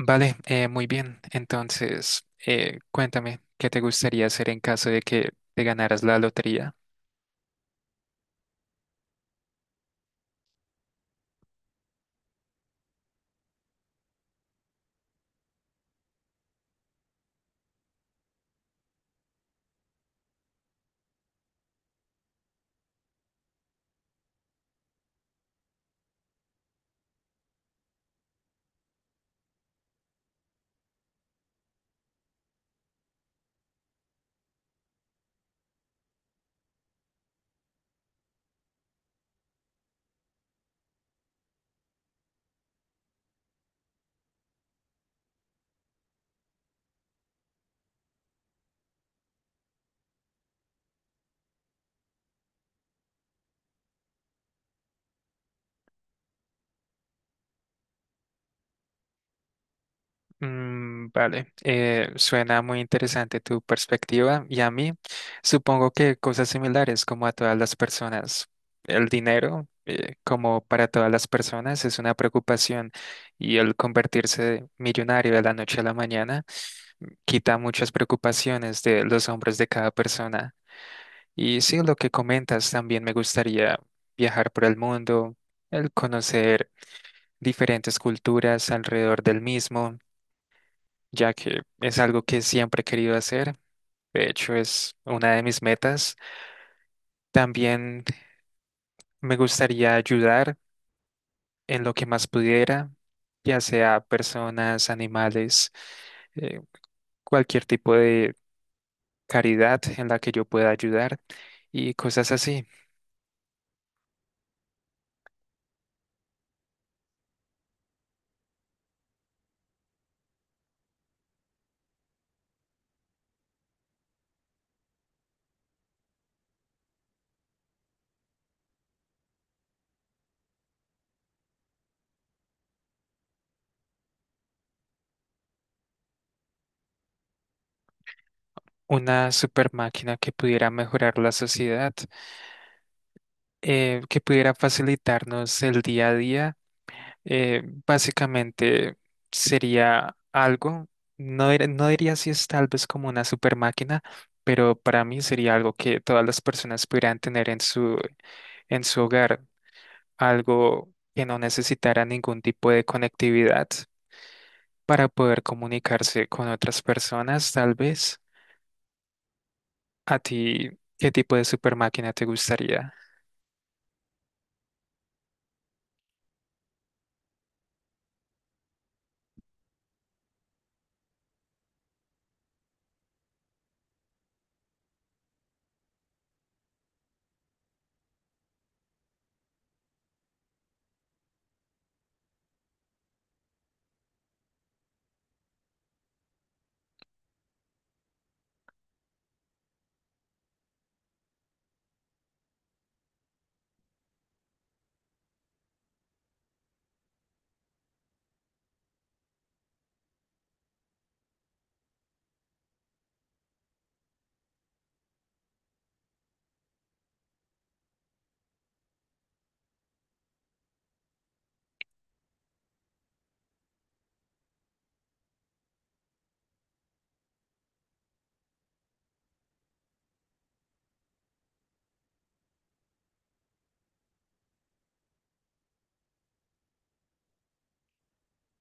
Vale, muy bien. Entonces, cuéntame, ¿qué te gustaría hacer en caso de que te ganaras la lotería? Vale, suena muy interesante tu perspectiva y a mí supongo que cosas similares como a todas las personas. El dinero, como para todas las personas, es una preocupación y el convertirse millonario de la noche a la mañana quita muchas preocupaciones de los hombros de cada persona. Y sí, lo que comentas, también me gustaría viajar por el mundo, el conocer diferentes culturas alrededor del mismo, ya que es algo que siempre he querido hacer. De hecho, es una de mis metas. También me gustaría ayudar en lo que más pudiera, ya sea personas, animales, eh, cualquier tipo de caridad en la que yo pueda ayudar y cosas así. Una super máquina que pudiera mejorar la sociedad. Que pudiera facilitarnos el día a día, básicamente sería algo, no, no diría si es tal vez como una super máquina, pero para mí sería algo que todas las personas pudieran tener en en su hogar, algo que no necesitara ningún tipo de conectividad para poder comunicarse con otras personas, tal vez. ¿A ti qué tipo de super máquina te gustaría?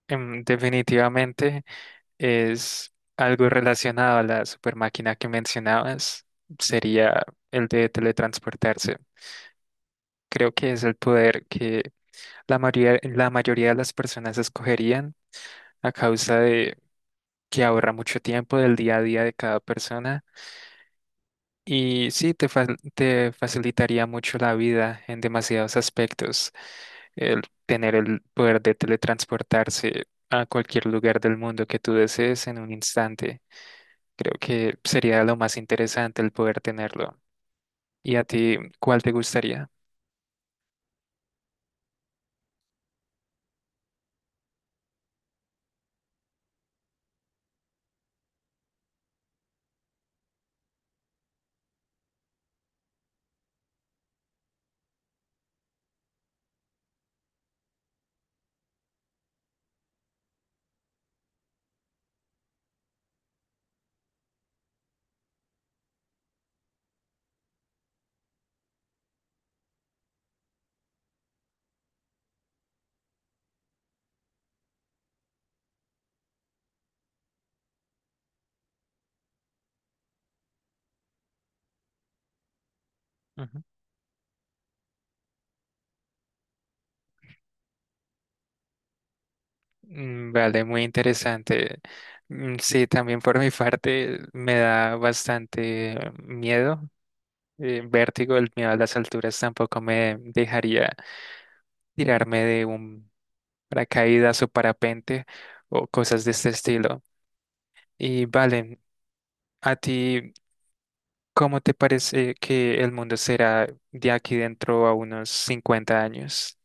Definitivamente es algo relacionado a la super máquina que mencionabas, sería el de teletransportarse. Creo que es el poder que la mayoría de las personas escogerían a causa de que ahorra mucho tiempo del día a día de cada persona. Y sí, te facilitaría mucho la vida en demasiados aspectos. El tener el poder de teletransportarse a cualquier lugar del mundo que tú desees en un instante. Creo que sería lo más interesante el poder tenerlo. ¿Y a ti, cuál te gustaría? Ujú. Mm, vale, muy interesante. Mm, sí, también por mi parte me da bastante miedo, vértigo, el miedo a las alturas tampoco me dejaría tirarme de un paracaídas o parapente o cosas de este estilo. Y vale, ¿a ti cómo te parece que el mundo será de aquí dentro a unos 50 años?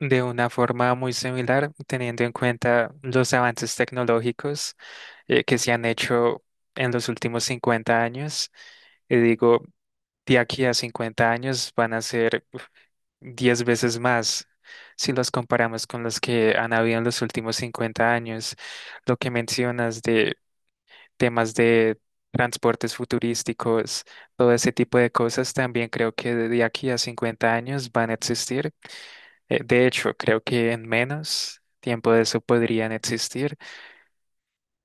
De una forma muy similar, teniendo en cuenta los avances tecnológicos que se han hecho en los últimos 50 años. Y digo, de aquí a 50 años van a ser 10 veces más si los comparamos con los que han habido en los últimos 50 años. Lo que mencionas de temas de transportes futurísticos, todo ese tipo de cosas, también creo que de aquí a 50 años van a existir. De hecho, creo que en menos tiempo de eso podrían existir.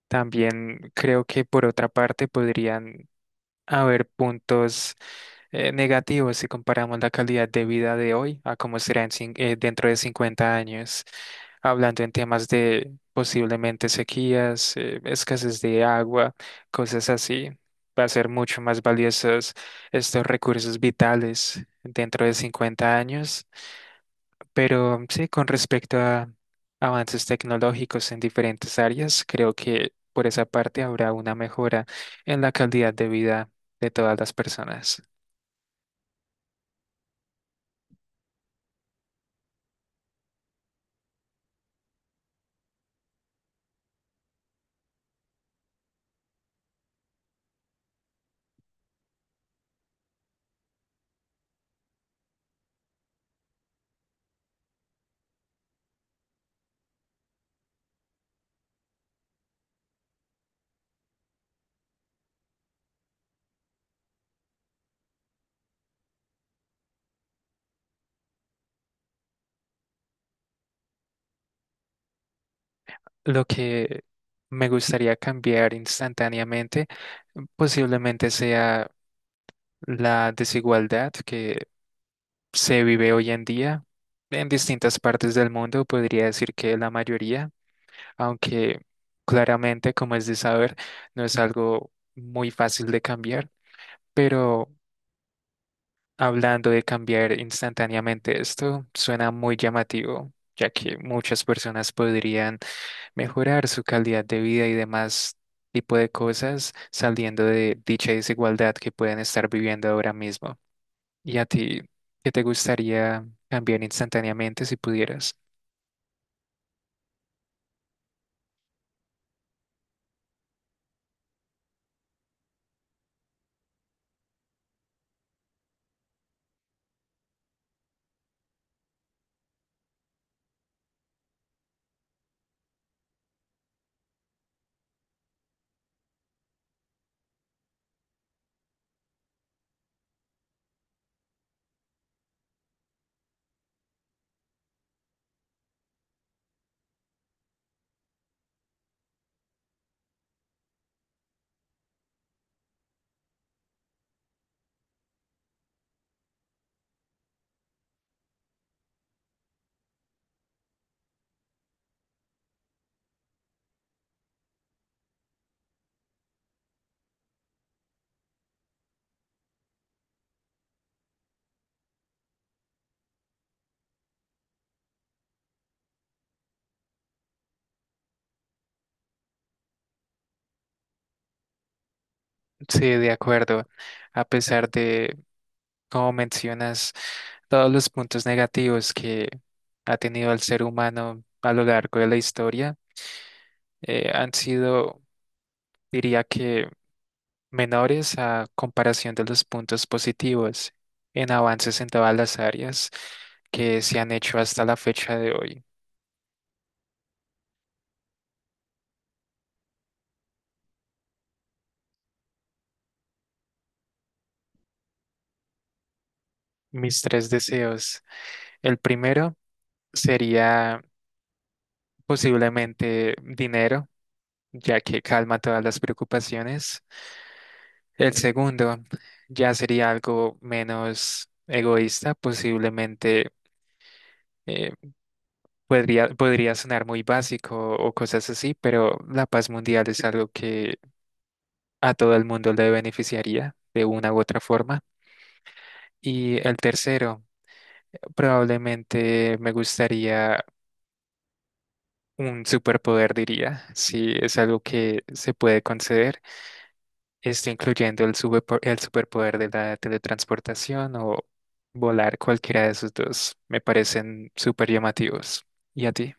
También creo que por otra parte podrían haber puntos negativo si comparamos la calidad de vida de hoy a cómo será en dentro de 50 años, hablando en temas de posiblemente sequías, escasez de agua, cosas así. Va a ser mucho más valiosos estos recursos vitales dentro de 50 años. Pero sí, con respecto a avances tecnológicos en diferentes áreas, creo que por esa parte habrá una mejora en la calidad de vida de todas las personas. Lo que me gustaría cambiar instantáneamente posiblemente sea la desigualdad que se vive hoy en día en distintas partes del mundo, podría decir que la mayoría, aunque claramente, como es de saber, no es algo muy fácil de cambiar, pero hablando de cambiar instantáneamente esto, suena muy llamativo, ya que muchas personas podrían mejorar su calidad de vida y demás tipo de cosas saliendo de dicha desigualdad que pueden estar viviendo ahora mismo. ¿Y a ti, qué te gustaría cambiar instantáneamente si pudieras? Sí, de acuerdo. A pesar de, como mencionas, todos los puntos negativos que ha tenido el ser humano a lo largo de la historia, han sido, diría que, menores a comparación de los puntos positivos en avances en todas las áreas que se han hecho hasta la fecha de hoy. Mis tres deseos. El primero sería posiblemente dinero, ya que calma todas las preocupaciones. El segundo ya sería algo menos egoísta, posiblemente. eh, podría sonar muy básico o cosas así, pero la paz mundial es algo que a todo el mundo le beneficiaría de una u otra forma. Y el tercero, probablemente me gustaría un superpoder, diría, si es algo que se puede conceder, esto incluyendo el superpoder de la teletransportación o volar, cualquiera de esos dos. Me parecen súper llamativos. ¿Y a ti?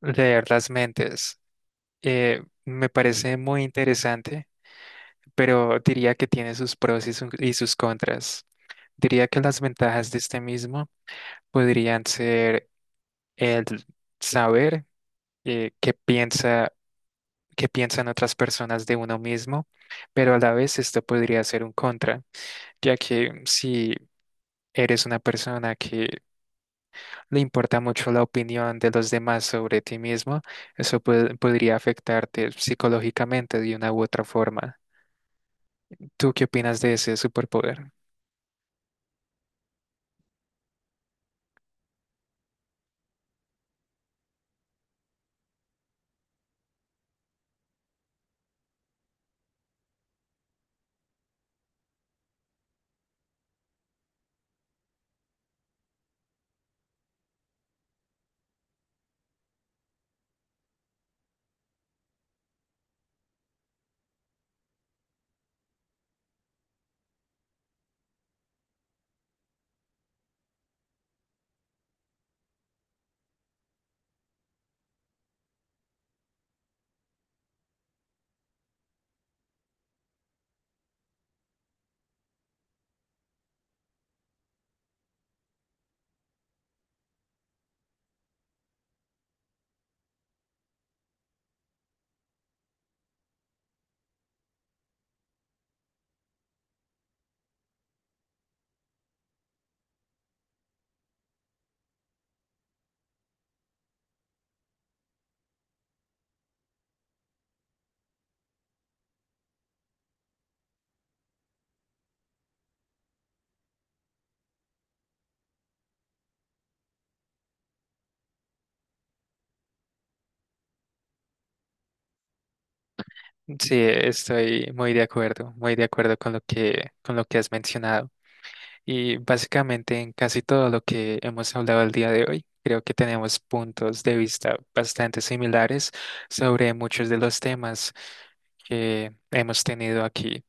Leer las mentes. Me parece muy interesante, pero diría que tiene sus pros y sus contras. Diría que las ventajas de este mismo podrían ser el saber eh, qué piensa, qué piensan otras personas de uno mismo, pero a la vez esto podría ser un contra, ya que si eres una persona que le importa mucho la opinión de los demás sobre ti mismo, eso podría afectarte psicológicamente de una u otra forma. ¿Tú qué opinas de ese superpoder? Sí, estoy muy de acuerdo con lo que has mencionado. Y básicamente en casi todo lo que hemos hablado el día de hoy, creo que tenemos puntos de vista bastante similares sobre muchos de los temas que hemos tenido aquí.